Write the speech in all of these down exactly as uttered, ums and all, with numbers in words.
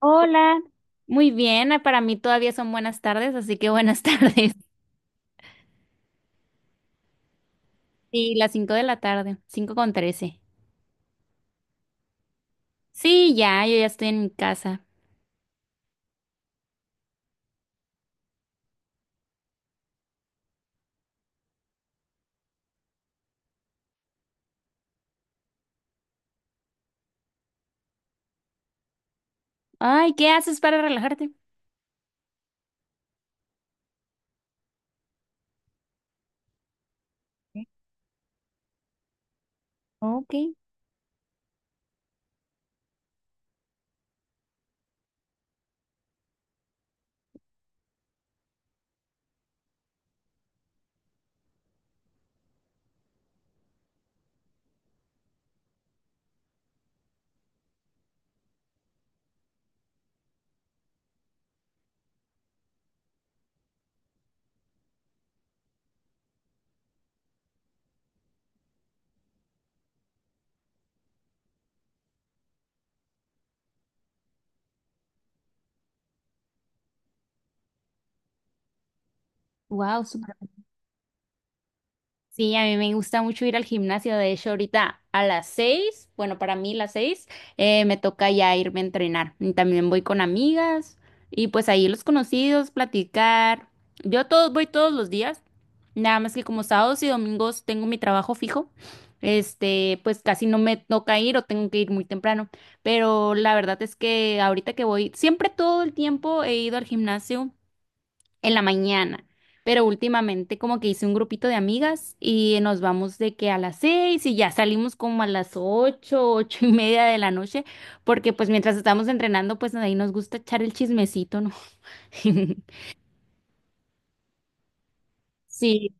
Hola, muy bien, ah, para mí todavía son buenas tardes, así que buenas tardes. Sí, las cinco de la tarde, cinco con trece. Sí, ya, yo ya estoy en mi casa. Ay, ¿qué haces para relajarte? Ok. Wow. Sí, a mí me gusta mucho ir al gimnasio. De hecho, ahorita a las seis, bueno, para mí las seis, eh, me toca ya irme a entrenar. Y también voy con amigas y pues ahí los conocidos, platicar. Yo todos voy todos los días, nada más que como sábados y domingos tengo mi trabajo fijo, este, pues casi no me toca ir o tengo que ir muy temprano. Pero la verdad es que ahorita que voy, siempre todo el tiempo he ido al gimnasio en la mañana. Pero últimamente como que hice un grupito de amigas y nos vamos de que a las seis y ya salimos como a las ocho, ocho y media de la noche, porque pues mientras estamos entrenando, pues ahí nos gusta echar el chismecito, ¿no? Sí,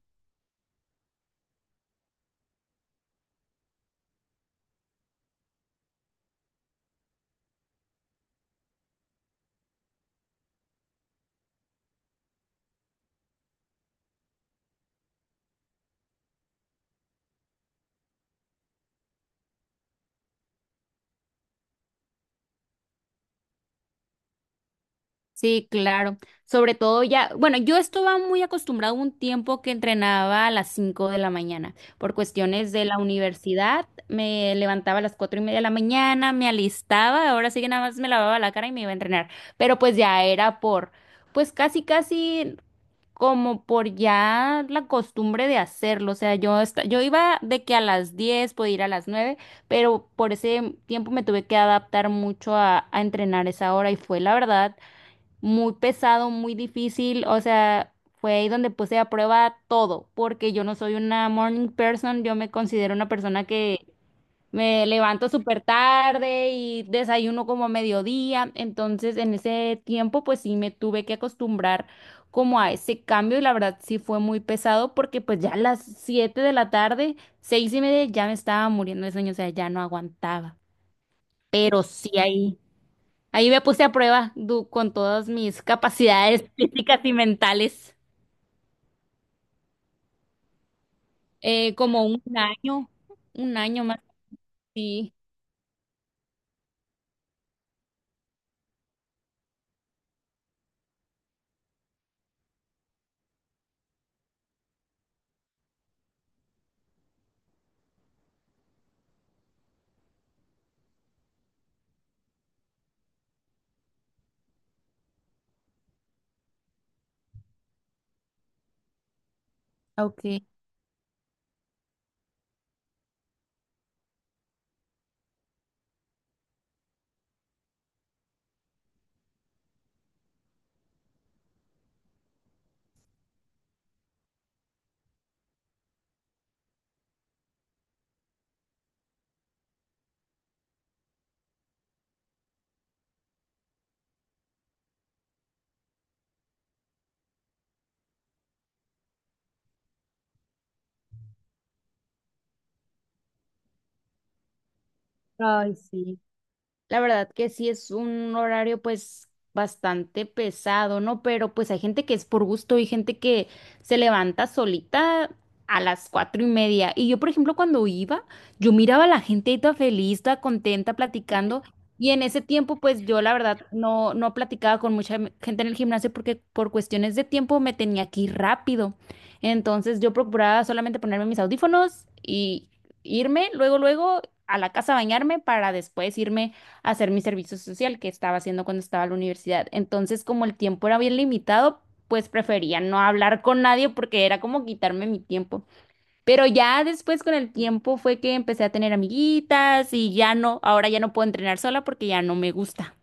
sí, claro. Sobre todo ya, bueno, yo estaba muy acostumbrado un tiempo que entrenaba a las cinco de la mañana. Por cuestiones de la universidad, me levantaba a las cuatro y media de la mañana, me alistaba, ahora sí que nada más me lavaba la cara y me iba a entrenar. Pero pues ya era por, pues casi, casi como por ya la costumbre de hacerlo. O sea, yo, esta- yo iba de que a las diez podía ir a las nueve, pero por ese tiempo me tuve que adaptar mucho a, a entrenar esa hora y fue la verdad muy pesado, muy difícil, o sea, fue ahí donde puse a prueba todo, porque yo no soy una morning person, yo me considero una persona que me levanto súper tarde y desayuno como a mediodía, entonces en ese tiempo pues sí me tuve que acostumbrar como a ese cambio y la verdad sí fue muy pesado porque pues ya a las siete de la tarde, seis y media ya me estaba muriendo de sueño, o sea, ya no aguantaba, pero sí ahí. Ahí me puse a prueba du- con todas mis capacidades físicas y mentales. Eh, como un año, un año más. Sí. Ok. Ay, sí. La verdad que sí es un horario pues bastante pesado, ¿no? Pero pues hay gente que es por gusto y gente que se levanta solita a las cuatro y media. Y yo, por ejemplo, cuando iba, yo miraba a la gente ahí toda feliz, toda contenta, platicando. Y en ese tiempo, pues yo la verdad no, no platicaba con mucha m- gente en el gimnasio porque por cuestiones de tiempo me tenía que ir rápido. Entonces yo procuraba solamente ponerme mis audífonos y irme luego, luego a la casa a bañarme para después irme hacer mi servicio social que estaba haciendo cuando estaba en la universidad. Entonces, como el tiempo era bien limitado, pues prefería no hablar con nadie porque era como quitarme mi tiempo. Pero ya después con el tiempo fue que empecé a tener amiguitas y ya no, ahora ya no puedo entrenar sola porque ya no me gusta.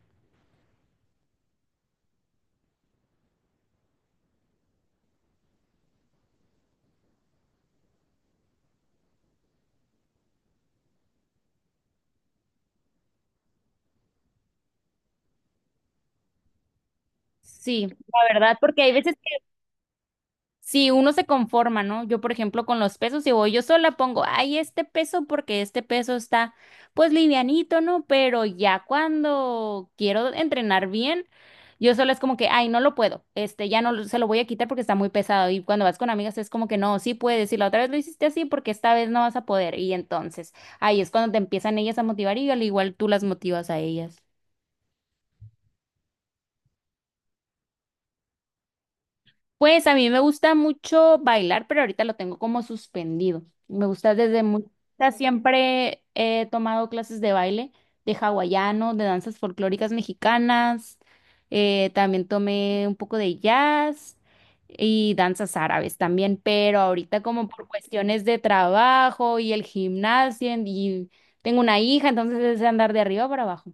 Sí, la verdad, porque hay veces si uno se conforma, ¿no? Yo, por ejemplo, con los pesos, si voy yo sola, pongo, ay, este peso, porque este peso está, pues, livianito, ¿no? Pero ya cuando quiero entrenar bien, yo sola es como que, ay, no lo puedo, este, ya no lo- se lo voy a quitar porque está muy pesado. Y cuando vas con amigas es como que, no, sí puedes, y la otra vez lo hiciste así porque esta vez no vas a poder. Y entonces, ahí es cuando te empiezan ellas a motivar y al igual tú las motivas a ellas. Pues a mí me gusta mucho bailar, pero ahorita lo tengo como suspendido. Me gusta desde muy... o siempre he tomado clases de baile, de hawaiano, de danzas folclóricas mexicanas. Eh, también tomé un poco de jazz y danzas árabes también, pero ahorita como por cuestiones de trabajo y el gimnasio y tengo una hija, entonces es de andar de arriba para abajo.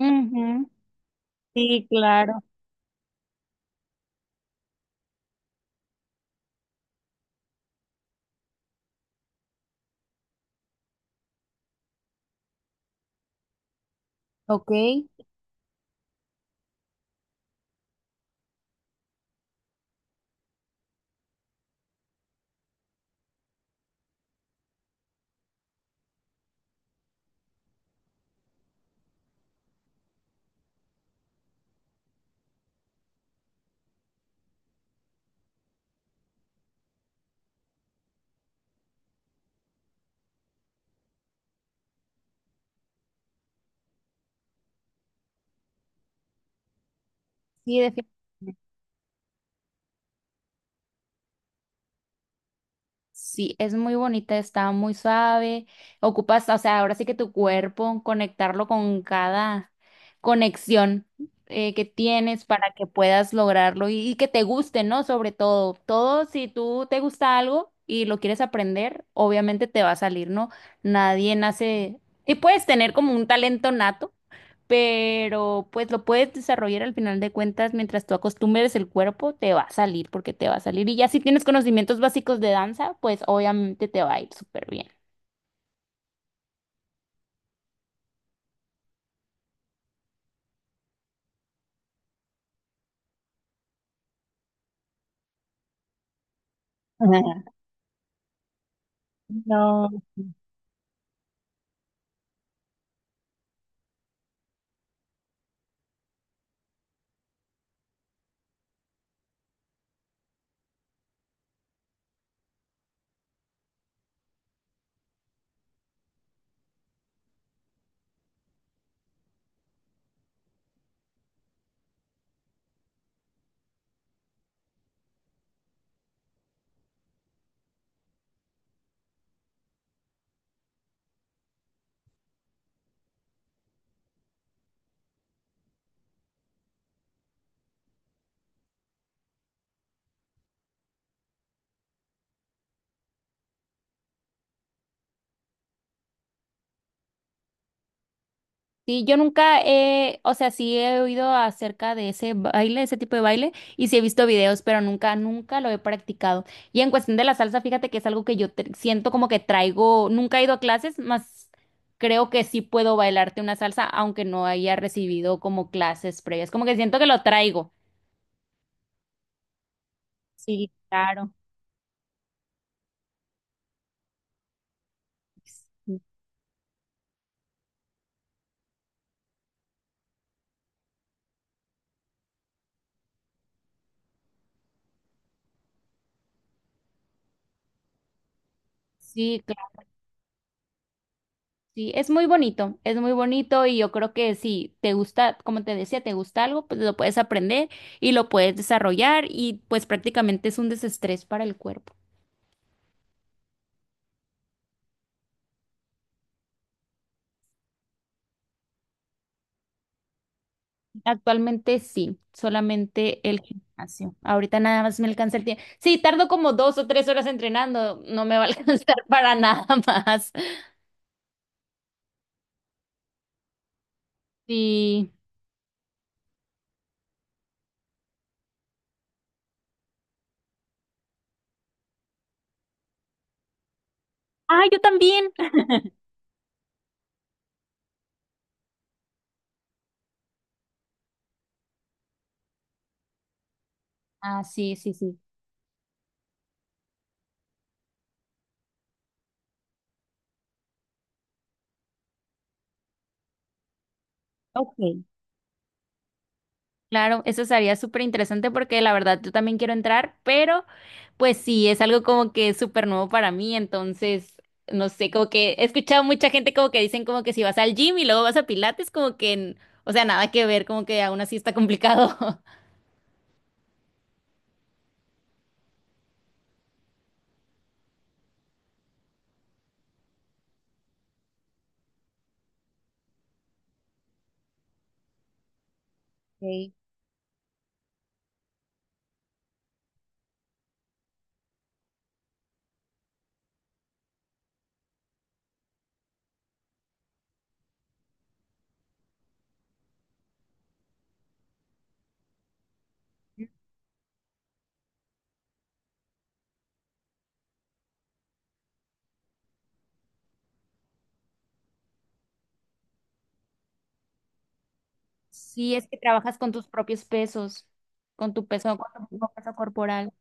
Ujú. Sí, claro. Ok, sí, definitivamente. Sí, es muy bonita, está muy suave. Ocupas, o sea, ahora sí que tu cuerpo, conectarlo con cada conexión eh, que tienes para que puedas lograrlo y, y que te guste, ¿no? Sobre todo, todo si tú te gusta algo y lo quieres aprender, obviamente te va a salir, ¿no? Nadie nace y puedes tener como un talento nato, pero pues lo puedes desarrollar al final de cuentas mientras tú acostumbres el cuerpo, te va a salir porque te va a salir. Y ya si tienes conocimientos básicos de danza, pues obviamente te va a ir súper bien. No. Sí, yo nunca he, o sea, sí he oído acerca de ese baile, ese tipo de baile, y sí he visto videos, pero nunca, nunca lo he practicado. Y en cuestión de la salsa, fíjate que es algo que yo te- siento como que traigo, nunca he ido a clases, más creo que sí puedo bailarte una salsa, aunque no haya recibido como clases previas. Como que siento que lo traigo. Sí, claro. Sí, sí, es muy bonito, es muy bonito y yo creo que si te gusta, como te decía, te gusta algo, pues lo puedes aprender y lo puedes desarrollar y pues prácticamente es un desestrés para el cuerpo. Actualmente sí, solamente el gimnasio. Ahorita nada más me alcanza el tiempo. Sí, tardo como dos o tres horas entrenando, no me va a alcanzar para nada más. Sí. Ah, yo también. Ah, sí, sí, sí. Ok. Claro, eso sería súper interesante porque la verdad yo también quiero entrar, pero pues sí, es algo como que súper nuevo para mí, entonces, no sé, como que he escuchado mucha gente como que dicen como que si vas al gym y luego vas a Pilates, como que, n- o sea, nada que ver, como que aún así está complicado. Ok. Sí, es que trabajas con tus propios pesos, con tu peso, con tu mismo peso corporal.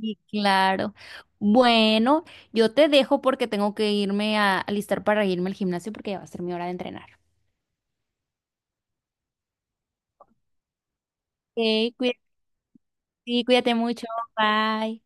Sí, claro. Bueno, yo te dejo porque tengo que irme a alistar para irme al gimnasio porque ya va a ser mi hora de entrenar. Ok. Sí, cuídate mucho. Bye.